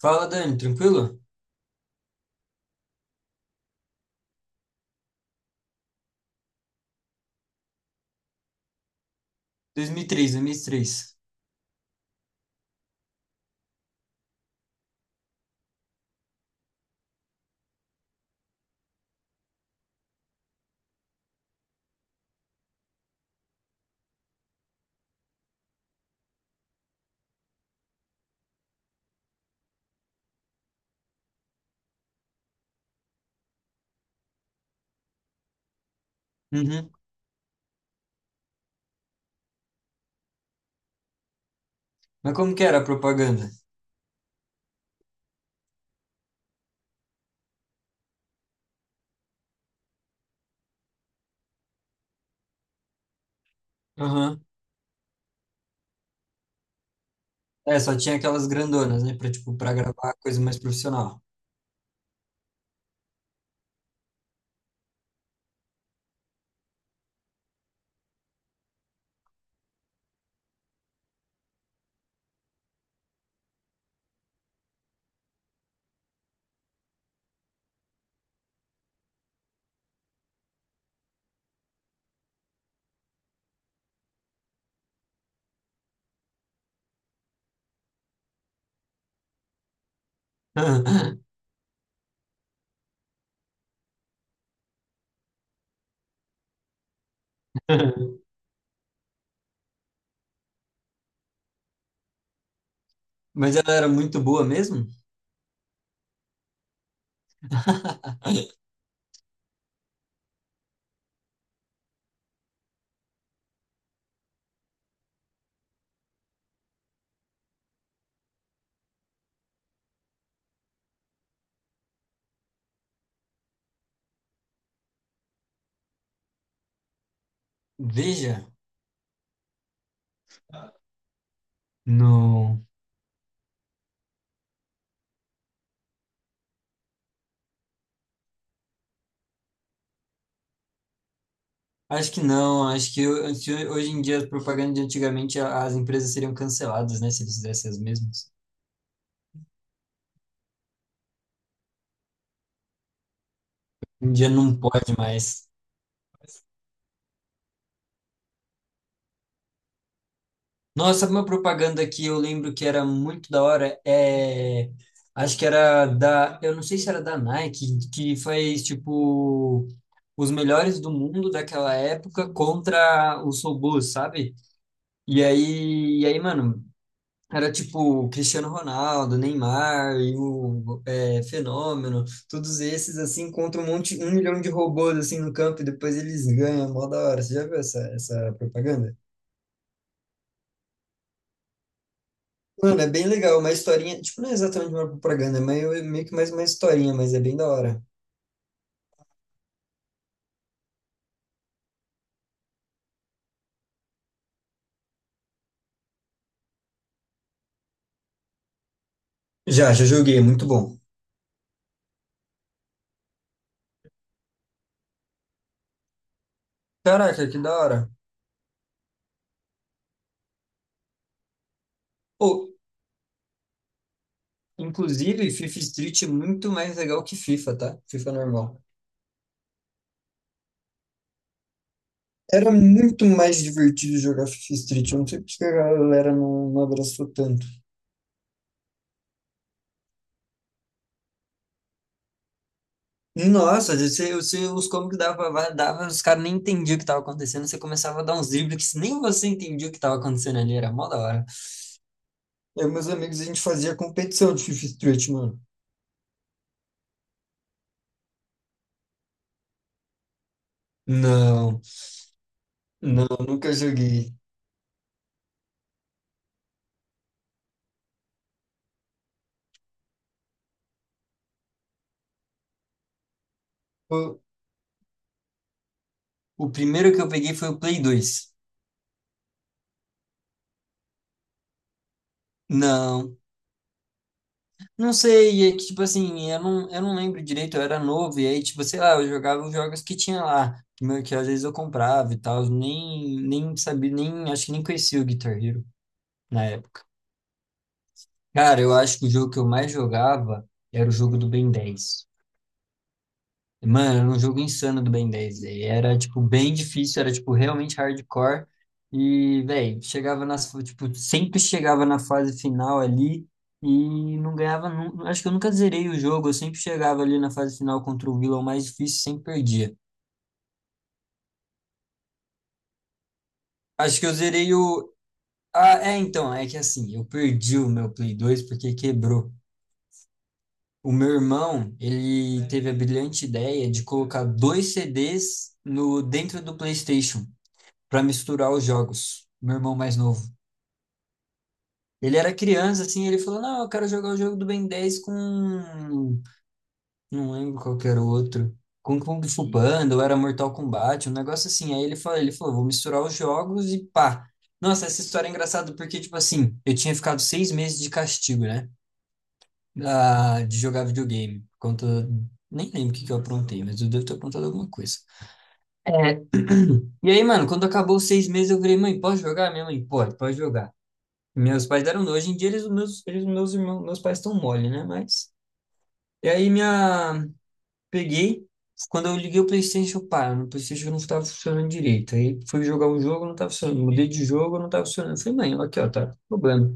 Fala, Dani, tranquilo? 2003, 2003. Uhum. Mas como que era a propaganda? Aham. É, só tinha aquelas grandonas, né? Pra, tipo, pra gravar coisa mais profissional. Mas ela era muito boa mesmo? Veja? Não. Acho que não. Acho que se hoje em dia, as propagandas de antigamente, as empresas seriam canceladas, né? Se eles fizessem as mesmas. Hoje em dia não pode mais. Nossa, uma propaganda que eu lembro que era muito da hora é. Acho que era da. Eu não sei se era da Nike, que faz tipo. Os melhores do mundo daquela época contra os robôs, sabe? E aí, mano, era tipo o Cristiano Ronaldo, Neymar e o Fenômeno, todos esses assim contra um monte, um milhão de robôs assim no campo e depois eles ganham, mó da hora. Você já viu essa propaganda? Mano, é bem legal, uma historinha, tipo, não é exatamente uma propaganda, é meio que mais uma historinha, mas é bem da hora. Já, já joguei, é muito bom. Caraca, que da hora. Pô, inclusive, FIFA Street é muito mais legal que FIFA, tá? FIFA normal. Era muito mais divertido jogar FIFA Street, eu não sei porque a galera não, não abraçou tanto. Nossa, você, os combos que dava, os caras nem entendiam o que tava acontecendo, você começava a dar uns dribles que nem você entendia o que tava acontecendo ali, era mó da hora. Eu e meus amigos, a gente fazia competição de FIFA Street, mano. Não, não, nunca joguei. O, o primeiro que eu peguei foi o Play 2. Não, não sei, é que tipo assim, eu não lembro direito, eu era novo, e aí, tipo, sei lá, eu jogava os jogos que tinha lá, que, que às vezes eu comprava e tal, nem sabia, nem, acho que nem conhecia o Guitar Hero na época. Cara, eu acho que o jogo que eu mais jogava era o jogo do Ben 10. Mano, era um jogo insano do Ben 10, velho. Era, tipo, bem difícil, era, tipo, realmente hardcore. E, velho, chegava nas, tipo, sempre chegava na fase final ali e não ganhava, acho que eu nunca zerei o jogo, eu sempre chegava ali na fase final contra o vilão mais difícil, e sempre perdia. Acho que eu zerei o... Ah, é, então, é que assim, eu perdi o meu Play 2 porque quebrou. O meu irmão, ele teve a brilhante ideia de colocar dois CDs no dentro do PlayStation para misturar os jogos. Meu irmão mais novo. Ele era criança, assim, ele falou: Não, eu quero jogar o jogo do Ben 10 com. Não lembro qual que era o outro. Com Kung Fu Panda, ou era Mortal Kombat, um negócio assim. Aí ele falou: Vou misturar os jogos e pá. Nossa, essa história é engraçada porque, tipo assim, eu tinha ficado 6 meses de castigo, né? Da, de jogar videogame. Conta. Nem lembro o que que eu aprontei, mas eu devo ter aprontado alguma coisa. É, e aí, mano, quando acabou os 6 meses, eu falei: Mãe, posso jogar? Minha mãe, pode, pode jogar. Meus pais deram dois. Hoje em dia eles, meus irmãos, meus pais estão mole, né? Mas. E aí minha. Peguei. Quando eu liguei o PlayStation, pá, no PlayStation não estava funcionando direito. Aí fui jogar um jogo, não estava funcionando. Mudei de jogo, não estava funcionando. Eu falei, mãe, aqui, ó, tá problema.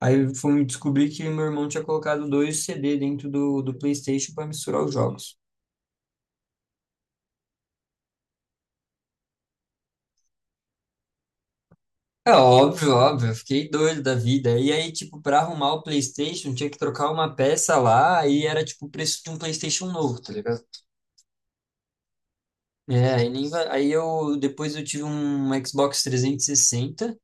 Aí fui descobrir que meu irmão tinha colocado dois CD dentro do, do PlayStation para misturar os jogos. É óbvio, óbvio, eu fiquei doido da vida. E aí, tipo, pra arrumar o PlayStation, tinha que trocar uma peça lá e era, tipo, o preço de um PlayStation novo, tá ligado? É, aí, nem aí eu depois eu tive um Xbox 360 e sessenta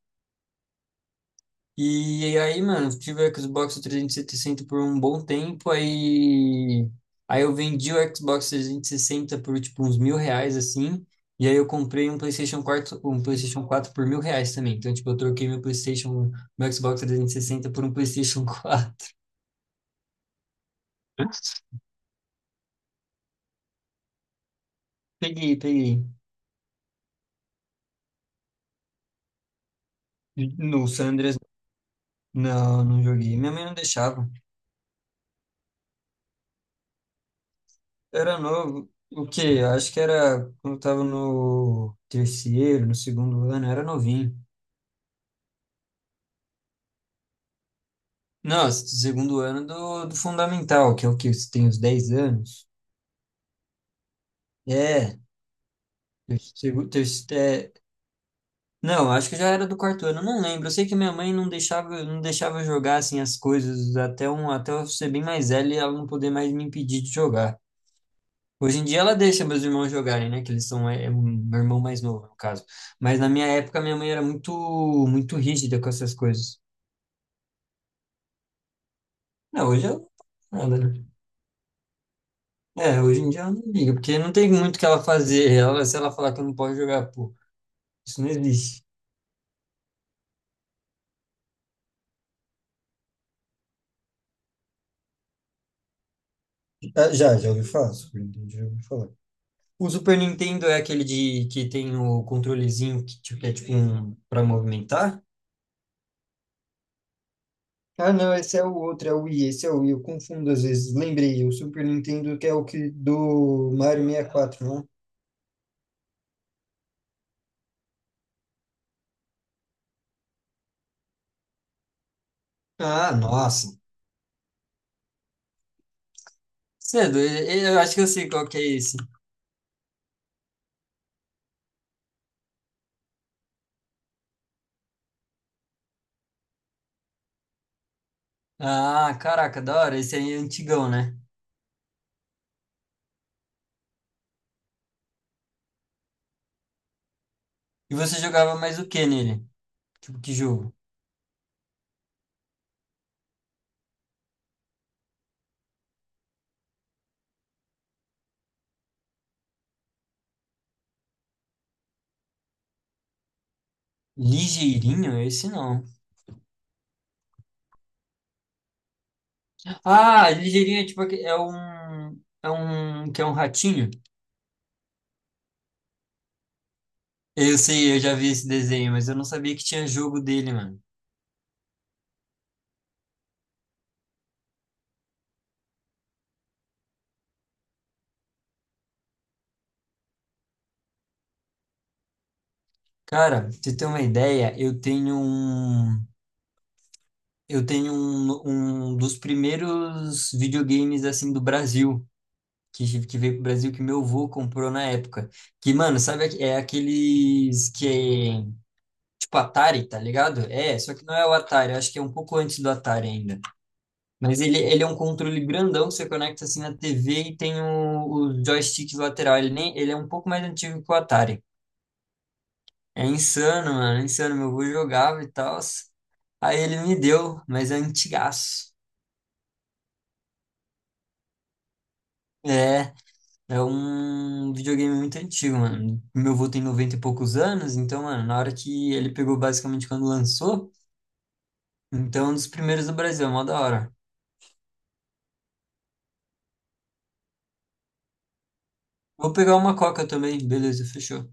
e aí, mano, eu tive o Xbox 360 por um bom tempo, aí eu vendi o Xbox 360 por tipo uns 1.000 reais assim, e aí eu comprei um PlayStation 4 por 1.000 reais também. Então, tipo, eu troquei meu PlayStation, meu Xbox 360 por um PlayStation 4 Peguei, peguei. No San Andreas, não, não joguei. Minha mãe não deixava. Era novo. O quê? Eu acho que era quando eu tava no terceiro, no segundo ano, eu era novinho. Não, segundo ano do, do fundamental, que é o que você tem os 10 anos. É, segundo, terceiro, não, acho que já era do quarto ano, eu não lembro. Eu sei que minha mãe não deixava, não deixava eu jogar assim as coisas até um, até eu ser bem mais velho e ela não poder mais me impedir de jogar. Hoje em dia ela deixa meus irmãos jogarem, né? Que eles são, é, meu irmão mais novo, no caso. Mas na minha época, minha mãe era muito, muito rígida com essas coisas. Não, hoje eu, nada, né? É, hoje em dia ela não liga, porque não tem muito o que ela fazer. Ela, se ela falar que eu não posso jogar, pô, isso não existe. Ah, já, já ouvi falar, Super Nintendo, já ouvi falar. O Super Nintendo é aquele de que tem o controlezinho que, tipo, que é tipo um para movimentar? Ah, não, esse é o outro, é o Wii, esse é o Wii, eu confundo às vezes. Lembrei, o Super Nintendo que é o que do Mario 64, né? Ah, nossa. Cedo, eu acho que eu sei qual que é esse. Ah, caraca, da hora, esse aí é antigão, né? E você jogava mais o que nele? Tipo, que jogo? Ligeirinho? Esse não. Ah, ligeirinho é tipo, é um, que é um ratinho. Eu sei, eu já vi esse desenho, mas eu não sabia que tinha jogo dele, mano. Cara, pra você ter uma ideia, eu tenho um. Eu tenho um, um dos primeiros videogames assim do Brasil, que veio pro Brasil, que meu avô comprou na época. Que, mano, sabe, é aqueles que é tipo Atari, tá ligado? É, só que não é o Atari, acho que é um pouco antes do Atari ainda. Mas ele é um controle grandão que você conecta assim na TV e tem o joystick lateral. Ele, nem, ele é um pouco mais antigo que o Atari. É insano, mano, é insano. Meu avô jogava e tal. Aí ele me deu, mas é antigaço. É. É um videogame muito antigo, mano. Meu avô tem 90 e poucos anos, então, mano, na hora que ele pegou basicamente quando lançou, então é um dos primeiros do Brasil, é mó da hora. Vou pegar uma coca também, beleza, fechou.